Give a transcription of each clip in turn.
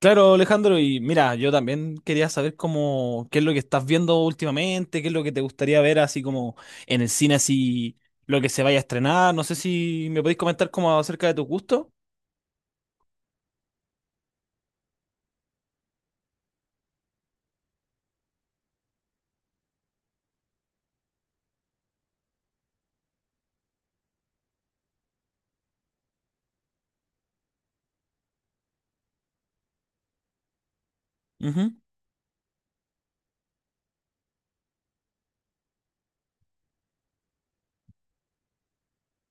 Claro, Alejandro, y mira, yo también quería saber cómo, qué es lo que estás viendo últimamente, qué es lo que te gustaría ver así como en el cine, así lo que se vaya a estrenar. No sé si me podéis comentar como acerca de tus gustos. Ujú.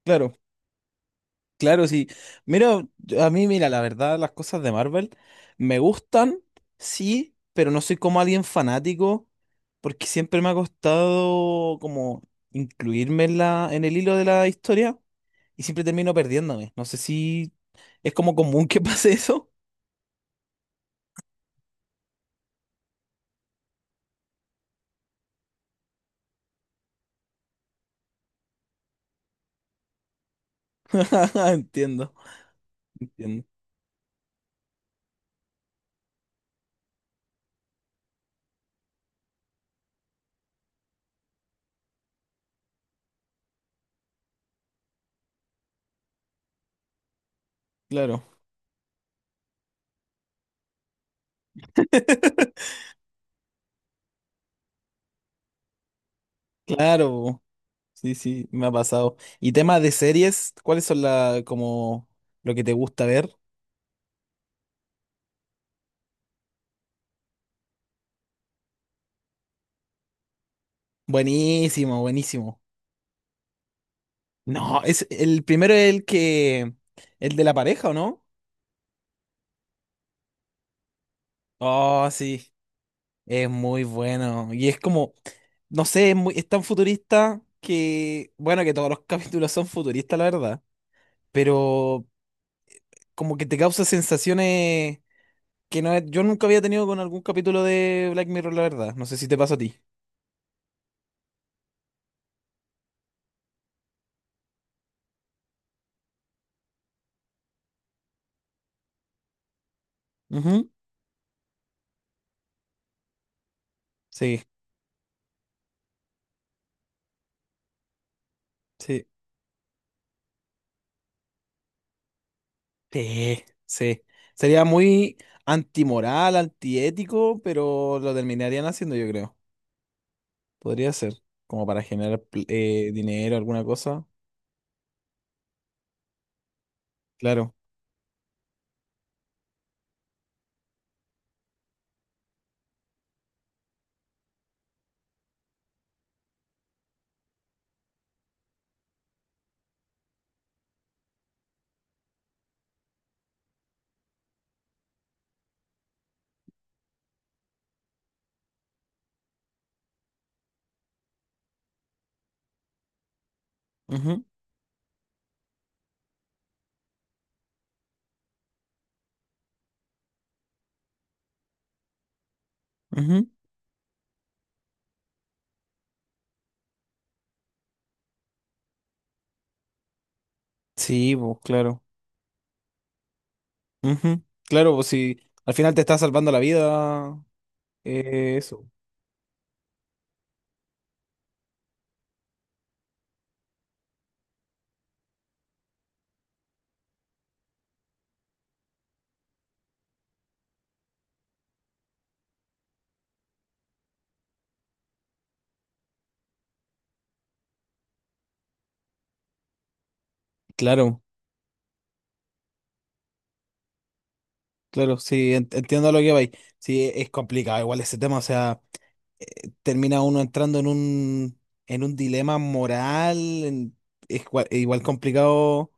Claro, claro, sí. Mira, a mí, mira, la verdad, las cosas de Marvel me gustan, sí, pero no soy como alguien fanático, porque siempre me ha costado como incluirme en el hilo de la historia. Y siempre termino perdiéndome. No sé si es como común que pase eso. Entiendo, entiendo. Claro, claro. Sí, sí, me ha pasado. Y tema de series, ¿cuáles son como lo que te gusta ver? Buenísimo, buenísimo. No, es el primero, es el que, el de la pareja, ¿o no? Oh, sí, es muy bueno. Y es como, no sé, es tan futurista que, bueno, que todos los capítulos son futuristas, la verdad. Pero como que te causa sensaciones que no, yo nunca había tenido con algún capítulo de Black Mirror, la verdad. No sé si te pasa a ti. Ujú. Sí, sí, sí, sí. Sería muy antimoral, antiético, pero lo terminarían haciendo, yo creo. Podría ser, como para generar dinero, alguna cosa. Claro. Ujú, ujú. Sí, pues claro. Ujú. Claro, pues si al final te está salvando la vida, eso. Claro. Claro, sí, entiendo lo que vais. Sí, es complicado igual ese tema, o sea, termina uno entrando en un dilema moral, es igual complicado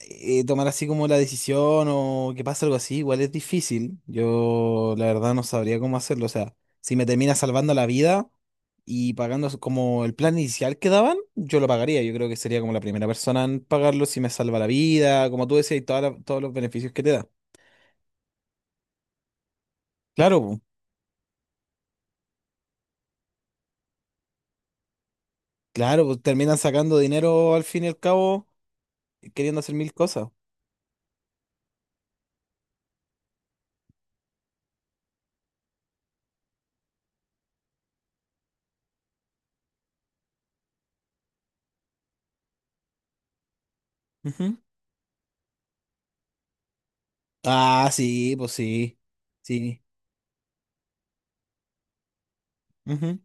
tomar así como la decisión o que pasa algo así, igual es difícil. Yo la verdad no sabría cómo hacerlo, o sea, si me termina salvando la vida y pagando como el plan inicial que daban, yo lo pagaría, yo creo que sería como la primera persona en pagarlo si me salva la vida, como tú decías, y todos los beneficios que te da. Claro, po. Claro, pues terminan sacando dinero al fin y al cabo, y queriendo hacer mil cosas. Ujú. Ah, sí, pues sí. Sí. Ujú.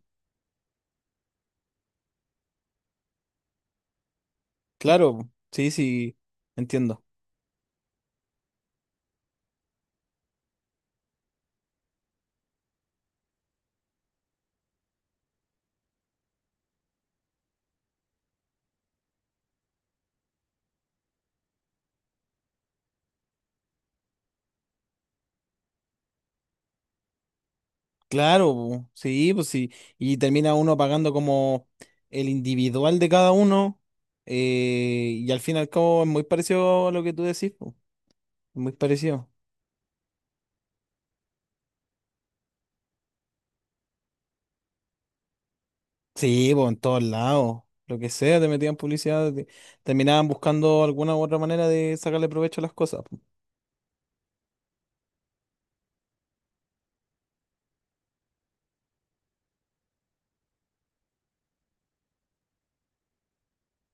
Claro, sí, sí. Entiendo. Claro, po. Sí, pues sí. Y termina uno pagando como el individual de cada uno. Y al fin y al cabo es muy parecido a lo que tú decís, po. Es muy parecido. Sí, pues en todos lados. Lo que sea, te metían publicidad, terminaban buscando alguna u otra manera de sacarle provecho a las cosas, po.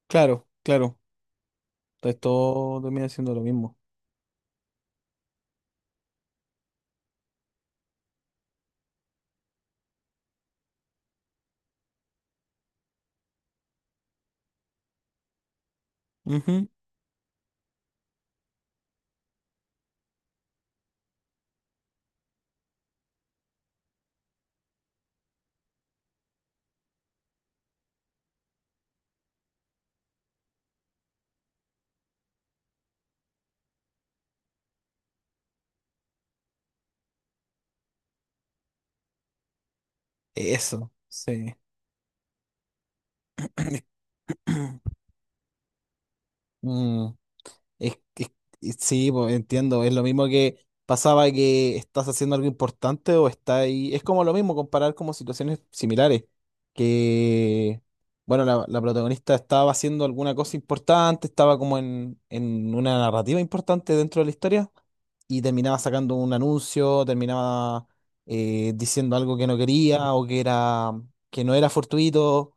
Claro, claro. Entonces todo termina siendo lo mismo. Ujú. Eso, sí. Mm, es, es- sí, pues, entiendo. Es lo mismo que pasaba que estás haciendo algo importante o está ahí. Es como lo mismo comparar como situaciones similares. Que, bueno, la protagonista estaba haciendo alguna cosa importante, estaba como en una narrativa importante dentro de la historia y terminaba sacando un anuncio, terminaba diciendo algo que no quería o que era, que no era fortuito.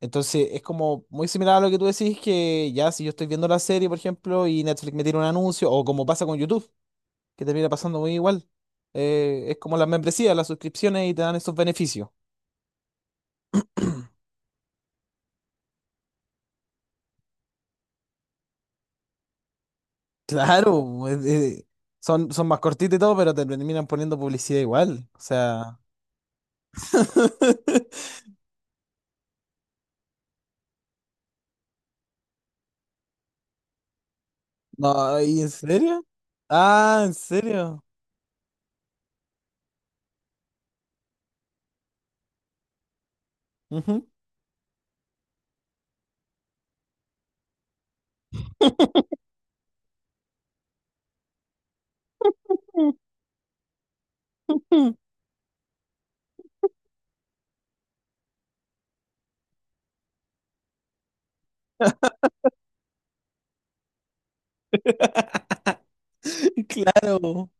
Entonces es como muy similar a lo que tú decís que ya si yo estoy viendo la serie, por ejemplo, y Netflix me tira un anuncio, o como pasa con YouTube, que termina pasando muy igual. Es como las membresías, las suscripciones y te dan esos beneficios. Claro, son más cortitos y todo, pero te terminan poniendo publicidad igual. O sea, no, ¿y en serio? Ah, ¿en serio? Ujú. Claro.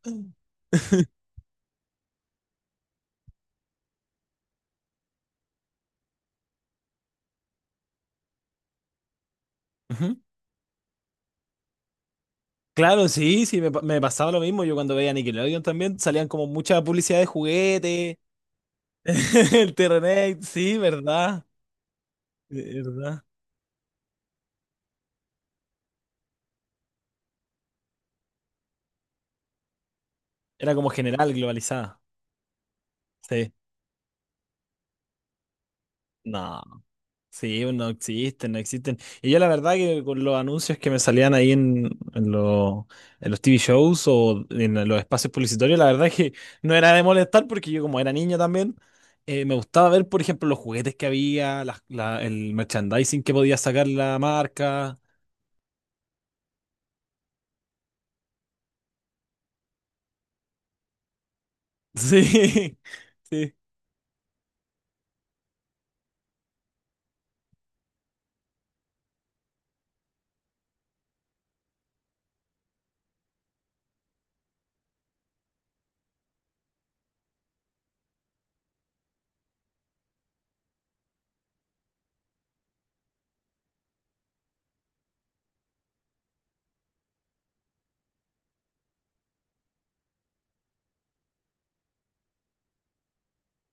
Ujú. Claro, sí, sí, me pasaba lo mismo. Yo cuando veía Nickelodeon también salían como mucha publicidad de juguete, el Terrenex, sí, ¿verdad? ¿Verdad? Era como general, globalizada. Sí. No. Sí, pues no existen, no existen. Y yo la verdad que con los anuncios que me salían ahí en los, en los TV shows o en los espacios publicitarios, la verdad que no era de molestar porque yo como era niño también, me gustaba ver, por ejemplo, los juguetes que había, el merchandising que podía sacar la marca. Sí, sí.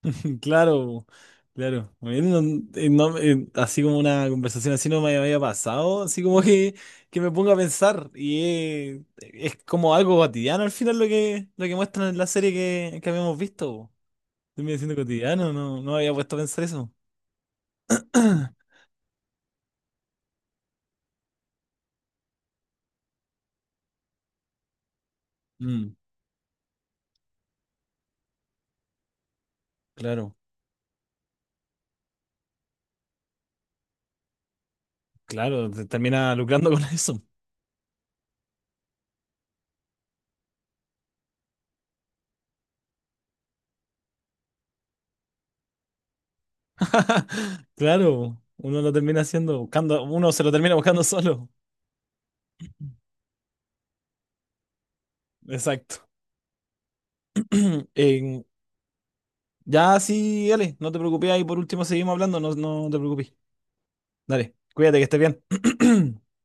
Claro, claro. A mí no, así como una conversación así no me había pasado, así como que me ponga a pensar. Y es como algo cotidiano al final lo que muestran en la serie que habíamos visto, po. Termina siendo cotidiano, no, no había puesto a pensar eso. Mm, claro, claro, te termina lucrando con eso. Claro, uno lo termina haciendo, buscando, uno se lo termina buscando solo. Exacto. En- Ya, sí, dale, no te preocupes ahí, por último seguimos hablando, no, no te preocupes. Dale, cuídate que estés bien.